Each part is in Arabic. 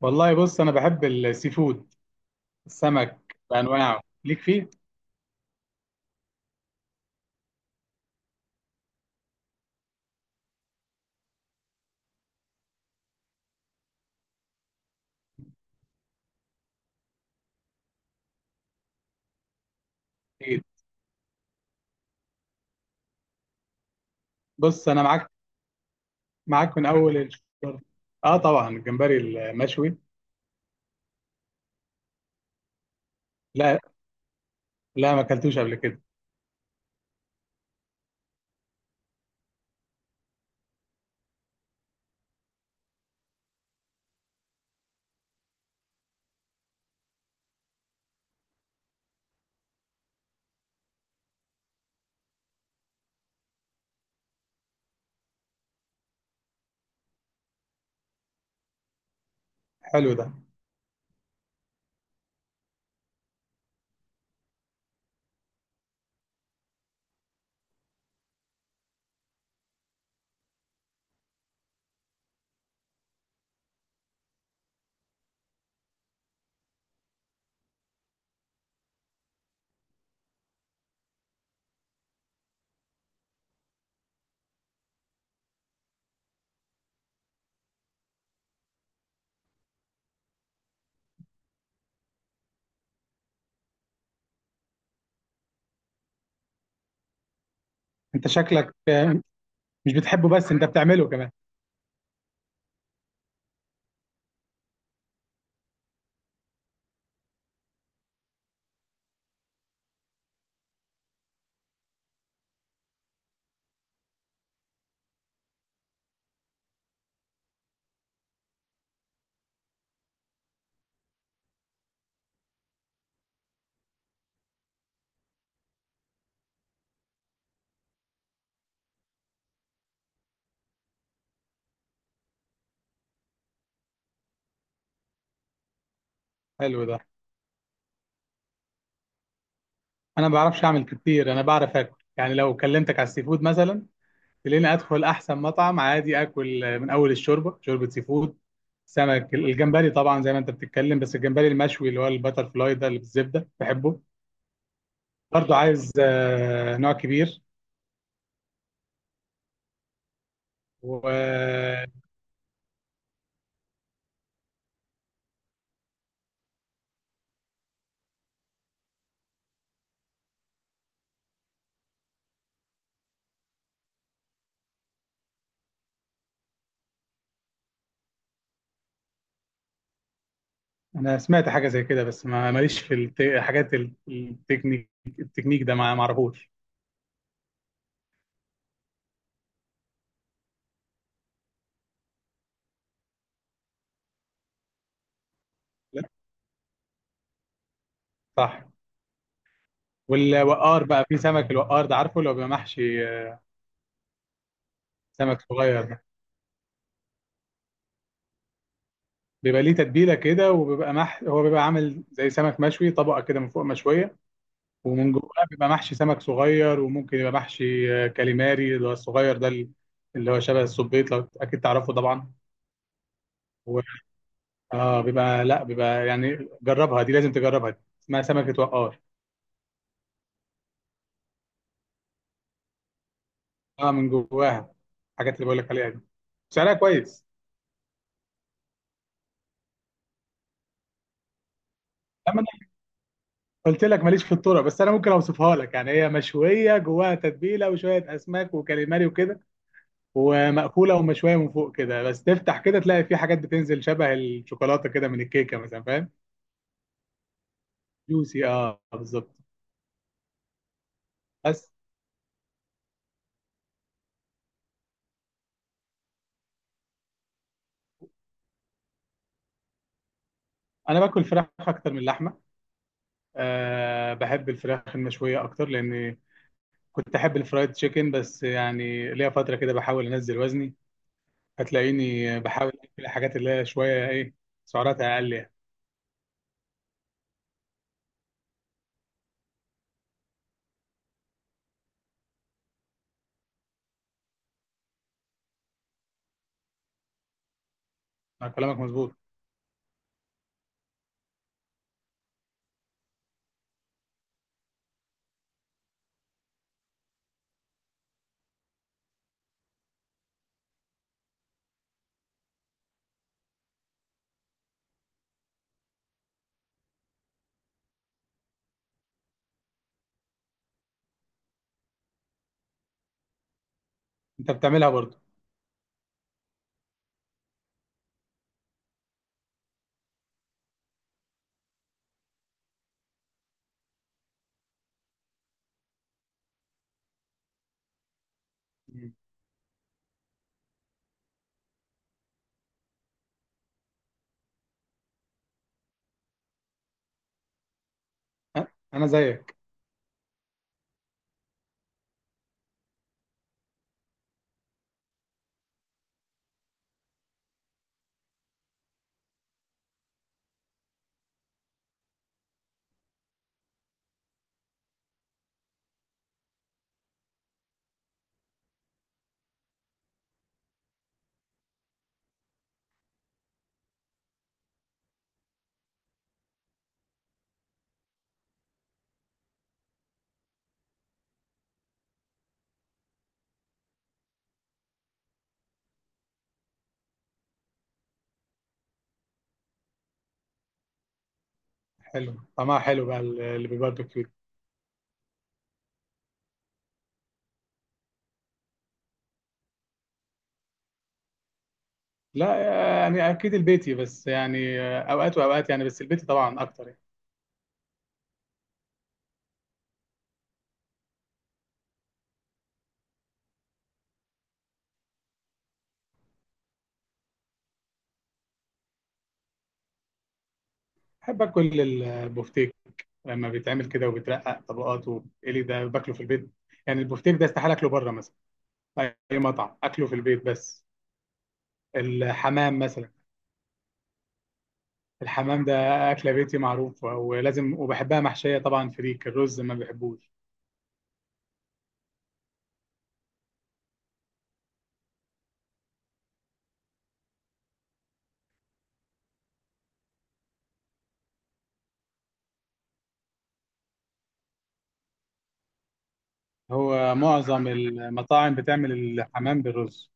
والله بص انا بحب السي فود. السمك بانواعه ليك فيه. اكيد. بص انا معاك، معاك من اول الشهر. اه طبعا الجمبري المشوي. لا، لا ما اكلتوش قبل كده. حلو ده. انت شكلك مش بتحبه بس انت بتعمله كمان. حلو ده. انا ما بعرفش اعمل كتير، انا بعرف اكل. يعني لو كلمتك على السي فود مثلا تلاقيني ادخل احسن مطعم عادي اكل، من اول الشوربه، شوربه سي فود، سمك، الجمبري طبعا زي ما انت بتتكلم. بس الجمبري المشوي اللي هو البتر فلاي ده اللي بالزبده بحبه. برضو عايز نوع كبير. وانا سمعت حاجه زي كده بس ما ماليش في حاجات التكنيك. التكنيك ده ما اعرفوش. لا، صح. والوقار بقى، في سمك الوقار ده، عارفه لو بيبقى محشي سمك صغير ده، بيبقى ليه تتبيله كده وبيبقى مح، هو بيبقى عامل زي سمك مشوي طبقه كده من فوق مشويه ومن جواه بيبقى محشي سمك صغير، وممكن يبقى محشي كاليماري اللي هو الصغير ده، اللي هو شبه السبيط لو اكيد تعرفه طبعا. اه بيبقى، لا بيبقى، يعني جربها دي، لازم تجربها دي. اسمها سمكة وقار. اه من جواها. الحاجات اللي بقول لك عليها دي سعرها كويس. اما انا قلت لك ماليش في الطرق، بس انا ممكن اوصفها لك. يعني هي مشوية جواها تتبيلة وشوية اسماك وكاليماري وكده، ومأكولة ومشوية من فوق كده. بس تفتح كده تلاقي في حاجات بتنزل شبه الشوكولاتة كده من الكيكة مثلا، فاهم. جوسي، اه بالظبط. بس انا باكل فراخ اكتر من اللحمة. أه بحب الفراخ المشوية اكتر، لان كنت احب الفرايد تشيكن بس يعني ليا فتره كده بحاول انزل وزني. هتلاقيني بحاول اكل الحاجات اللي هي شويه ايه، سعراتها اقل يعني. كلامك مظبوط. انت بتعملها برضو. مم. أه، انا زيك. حلو، طعمها حلو بقى اللي بالباربيكيو. لا، يعني اكيد البيتي، بس يعني اوقات واوقات يعني، بس البيتي طبعا اكتر يعني. بحب اكل البوفتيك، لما بيتعمل كده وبيترقق طبقات وبيتقلي، ده باكله في البيت. يعني البوفتيك ده استحاله اكله بره مثلا في اي مطعم، اكله في البيت بس. الحمام مثلا، الحمام ده أكلة بيتي معروفة ولازم، وبحبها محشية طبعا فريك، الرز ما بحبوش. هو معظم المطاعم بتعمل الحمام بالرز.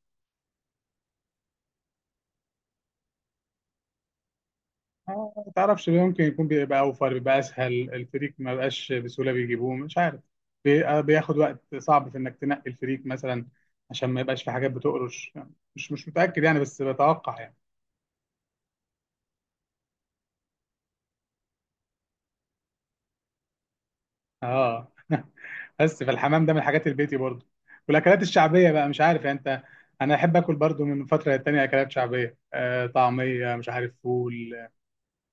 ما تعرفش ليه، ممكن يكون بيبقى أوفر، بيبقى أسهل، الفريك ما بقاش بسهولة بيجيبوه، مش عارف. بياخد وقت صعب في إنك تنقي الفريك مثلا عشان ما يبقاش في حاجات بتقرش. مش متأكد يعني، بس بتوقع يعني. اه. بس فالحمام ده من الحاجات البيتي برضو، والاكلات الشعبيه بقى مش عارف يعني انت. انا احب اكل برضو من فتره للتانيه اكلات شعبيه، آه طعميه مش عارف، فول،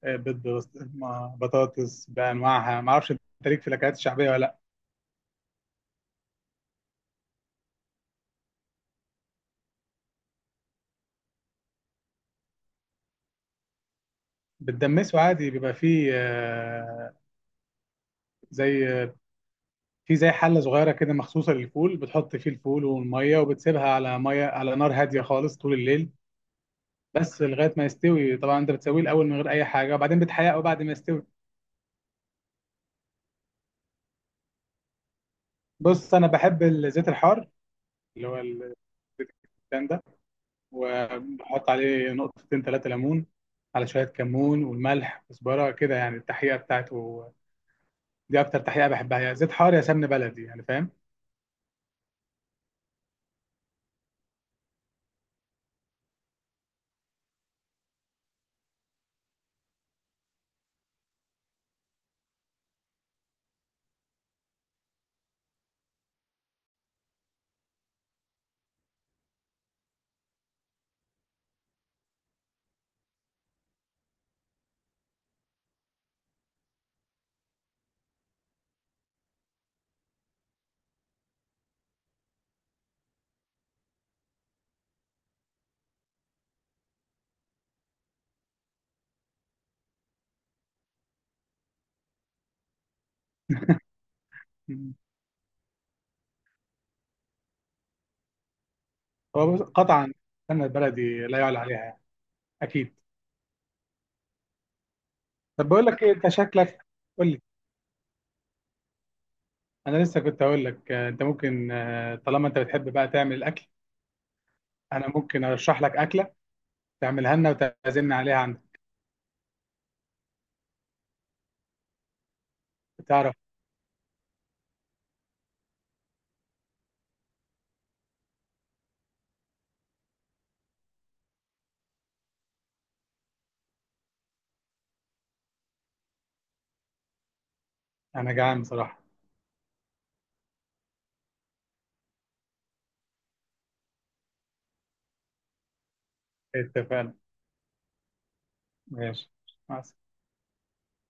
آه بيض، بسطرمه، بطاطس بانواعها. ما اعرفش انت ليك في الاكلات الشعبيه ولا لا. بتدمسه عادي، بيبقى فيه آه، زي، في زي حله صغيره كده مخصوصه للفول، بتحط فيه الفول والميه وبتسيبها على ميه، على نار هاديه خالص طول الليل. بس لغايه ما يستوي. طبعا انت بتسويه الاول من غير اي حاجه، وبعدين بتحيقه بعد ما يستوي. بص انا بحب الزيت الحار اللي هو الزيتون ده، وبحط عليه نقطتين ثلاثة ليمون، على شوية كمون والملح كزبرة كده، يعني التحقيقة بتاعته دي أكتر تحقيقة بحبها. يا زيت حار يا سمن بلدي، يعني فاهم. مم. هو بص، قطعا السمنة البلدي لا يعلى عليها يعني. أكيد. طب بقول لك إيه، أنت شكلك. قول لي. أنا لسه كنت أقول لك، أنت ممكن، طالما أنت بتحب بقى تعمل الأكل، أنا ممكن أرشح لك أكلة تعملها لنا وتعزمني عليها عندك. تعرف، أنا جعان بصراحة. اتفقنا. ماشي. مع السلامة.